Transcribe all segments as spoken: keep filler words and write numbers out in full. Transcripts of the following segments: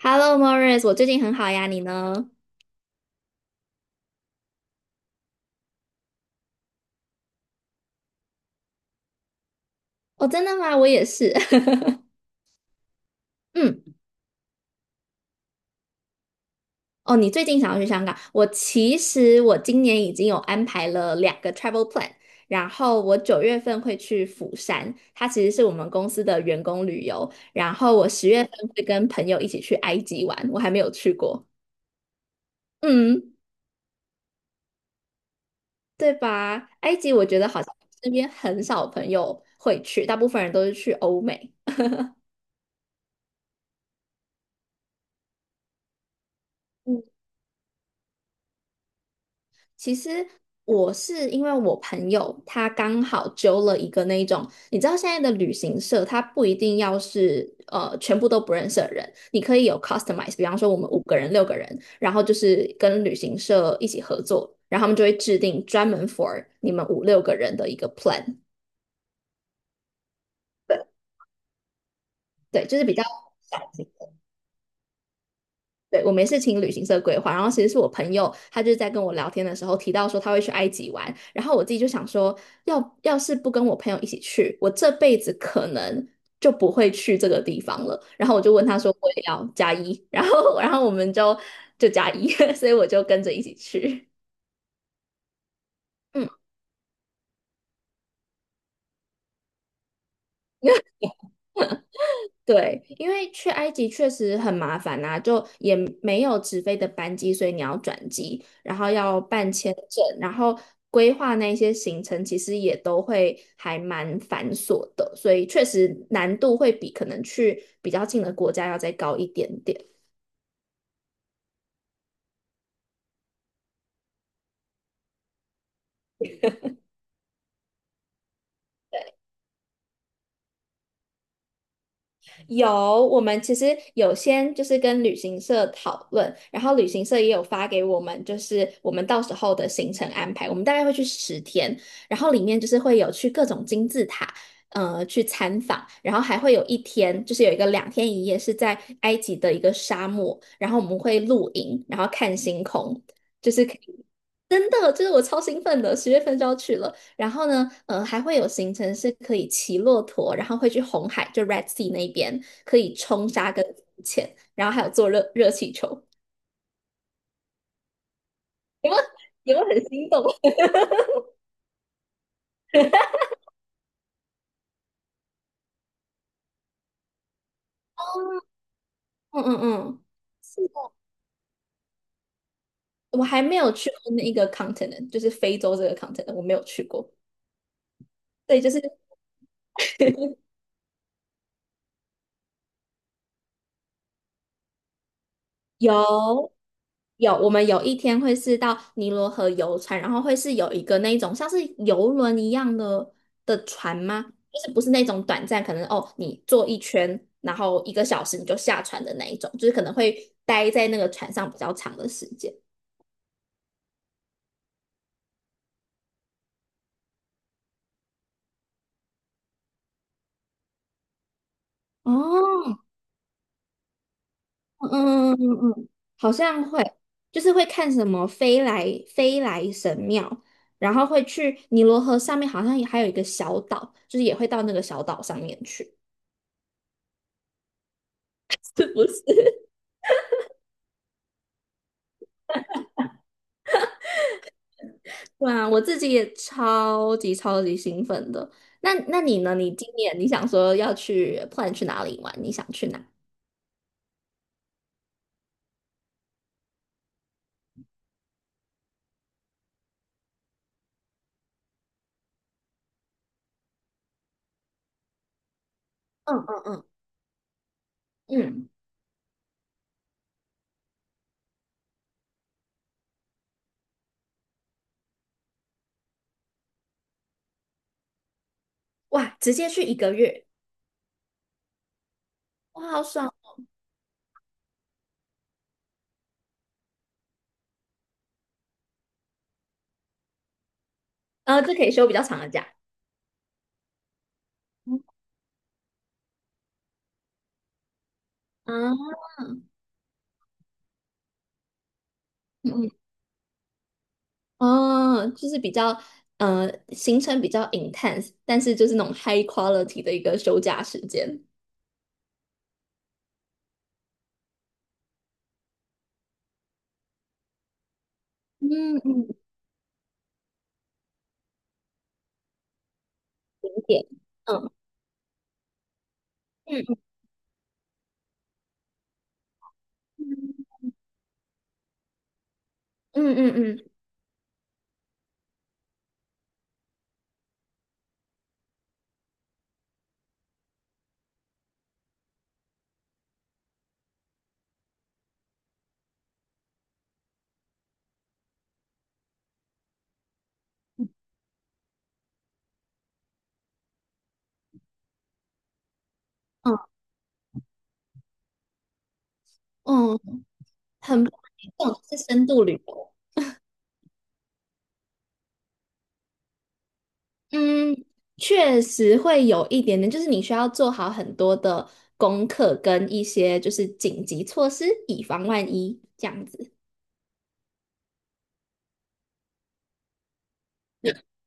Hello, Morris，我最近很好呀，你呢？哦，真的吗？我也是。嗯，哦，你最近想要去香港？我其实我今年已经有安排了两个 travel plan，然后我九月份会去釜山，它其实是我们公司的员工旅游，然后我十月份会跟朋友一起去埃及玩，我还没有去过。嗯，对吧？埃及我觉得好像身边很少朋友会去，大部分人都是去欧美。嗯。其实我是因为我朋友他刚好揪了一个那一种，你知道现在的旅行社，他不一定要是呃全部都不认识的人，你可以有 customize，比方说我们五个人、六个人，然后就是跟旅行社一起合作，然后他们就会制定专门 for 你们五六个人的一个 plan，对，就是比较。对，我没事请旅行社规划，然后其实是我朋友，他就是在跟我聊天的时候提到说他会去埃及玩，然后我自己就想说，要要是不跟我朋友一起去，我这辈子可能就不会去这个地方了。然后我就问他说，我也要加一，然后然后我们就就加一，所以我就跟着一起去。嗯对，因为去埃及确实很麻烦呐、就也没有直飞的班机，所以你要转机，然后要办签证，然后规划那些行程，其实也都会还蛮繁琐的，所以确实难度会比可能去比较近的国家要再高一点点。有，我们其实有先就是跟旅行社讨论，然后旅行社也有发给我们，就是我们到时候的行程安排。我们大概会去十天，然后里面就是会有去各种金字塔，呃，去参访，然后还会有一天，就是有一个两天一夜是在埃及的一个沙漠，然后我们会露营，然后看星空。就是。真的，就是我超兴奋的，十月份就要去了。然后呢，呃，还会有行程是可以骑骆驼，然后会去红海，就 Red Sea 那边可以冲沙跟浮潜，然后还有坐热热气球。你们，你们很心动？嗯嗯嗯，是的，我还没有去过那一个 continent，就是非洲这个 continent，我没有去过。对，就是有，有，我们有一天会是到尼罗河游船，然后会是有一个那一种像是游轮一样的的船吗？就是不是那种短暂，可能哦，你坐一圈，然后一个小时你就下船的那一种，就是可能会待在那个船上比较长的时间。哦，嗯嗯嗯，好像会，就是会看什么飞来飞来神庙，然后会去尼罗河上面，好像也还有一个小岛，就是也会到那个小岛上面去，是不是？对啊，我自己也超级超级兴奋的。那那你呢？你今年你想说要去 plan 去哪里玩？你想去哪？嗯嗯嗯，嗯，哇，直接去一个月，哇，好爽！呃，这可以休比较长的假。嗯啊，嗯，哦，就是比较呃行程比较 intense，但是就是那种 high quality 的一个休假时间。嗯嗯，景点，嗯嗯嗯嗯嗯，嗯嗯嗯，嗯很棒这种是深度旅游。嗯，确实会有一点点，就是你需要做好很多的功课跟一些就是紧急措施，以防万一这样子。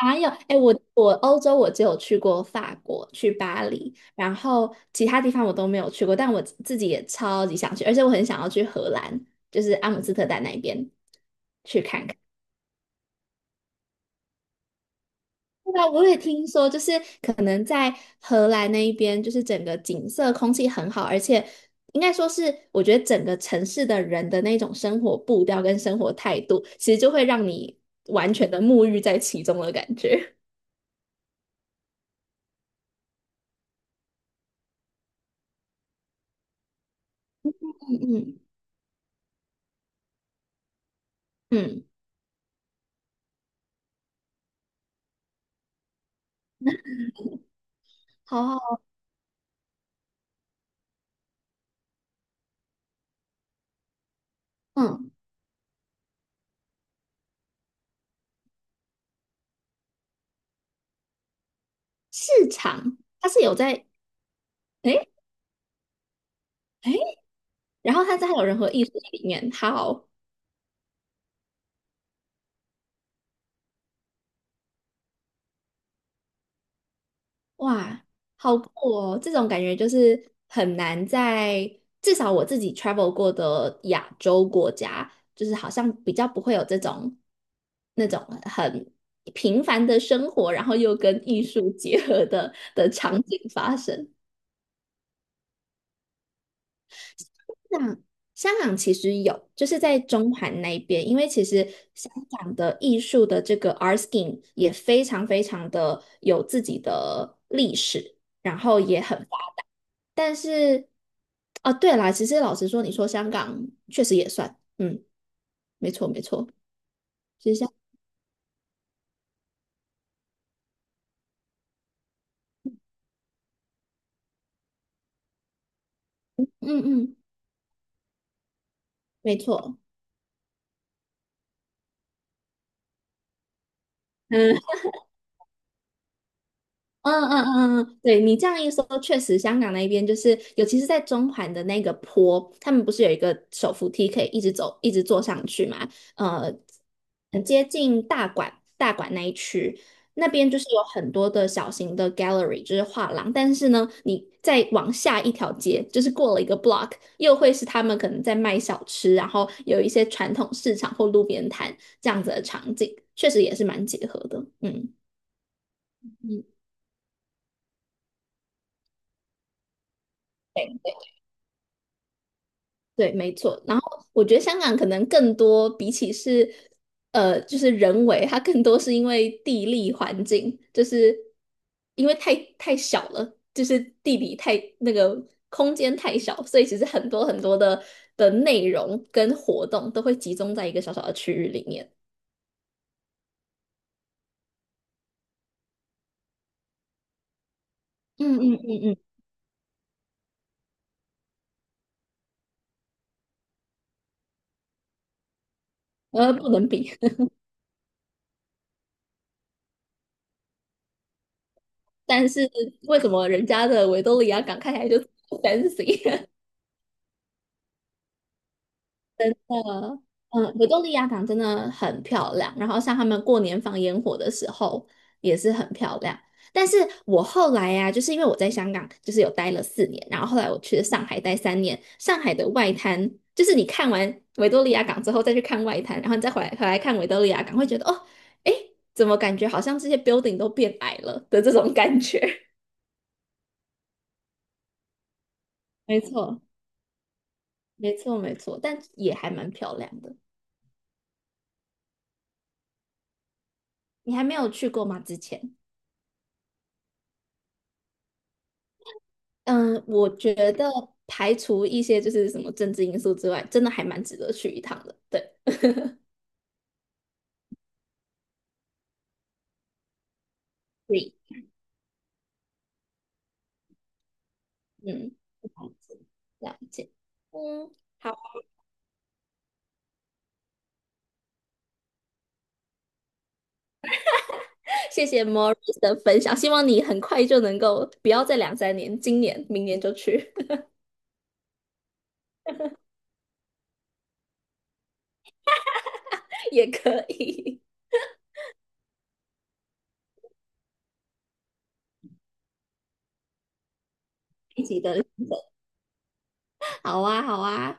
哪有？哎，我我欧洲我只有去过法国，去巴黎，然后其他地方我都没有去过，但我自己也超级想去，而且我很想要去荷兰，就是阿姆斯特丹那边去看看。对啊，我也听说，就是可能在荷兰那一边，就是整个景色、空气很好，而且应该说是，我觉得整个城市的人的那种生活步调跟生活态度，其实就会让你完全的沐浴在其中的感觉。嗯嗯，嗯好好，嗯，市场它是有在，诶诶，然后它在还有人和艺术里面，好。哇，好酷哦！这种感觉就是很难在至少我自己 travel 过的亚洲国家，就是好像比较不会有这种那种很平凡的生活，然后又跟艺术结合的的场景发生。那香港其实有，就是在中环那边，因为其实香港的艺术的这个 art scene 也非常非常的有自己的历史。然后也很但是，哦，对啦，其实老实说，你说香港确实也算，嗯，没错没错，其实像，嗯嗯，没错，嗯。嗯嗯嗯嗯，对你这样一说，确实香港那边就是，尤其是在中环的那个坡，他们不是有一个手扶梯可以一直走，一直坐上去嘛？呃，很接近大馆大馆那一区，那边就是有很多的小型的 gallery，就是画廊。但是呢，你再往下一条街，就是过了一个 block，又会是他们可能在卖小吃，然后有一些传统市场或路边摊这样子的场景，确实也是蛮结合的。嗯对，没错。然后我觉得香港可能更多，比起是呃，就是人为，它更多是因为地理环境，就是因为太太小了，就是地理太那个空间太小，所以其实很多很多的的内容跟活动都会集中在一个小小的区域里面。嗯嗯嗯嗯，呃，不能比。但是为什么人家的维多利亚港看起来就 fancy？呃，嗯，维多利亚港真的很漂亮，然后像他们过年放烟火的时候也是很漂亮。但是我后来呀、就是因为我在香港就是有待了四年，然后后来我去了上海待三年，上海的外滩就是你看完维多利亚港之后再去看外滩，然后你再回来回来看维多利亚港，会觉得哦，诶，怎么感觉好像这些 building 都变矮了的这种感觉。没错，没错，没错，但也还蛮漂亮的。你还没有去过吗？之前？嗯，我觉得排除一些就是什么政治因素之外，真的还蛮值得去一趟的。对，对，嗯，了解，了解。嗯，谢谢 Morris 的分享，希望你很快就能够，不要再两三年，今年、明年就去 也可以。一起的，好啊，好啊，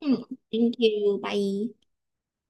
嗯，Thank you，拜。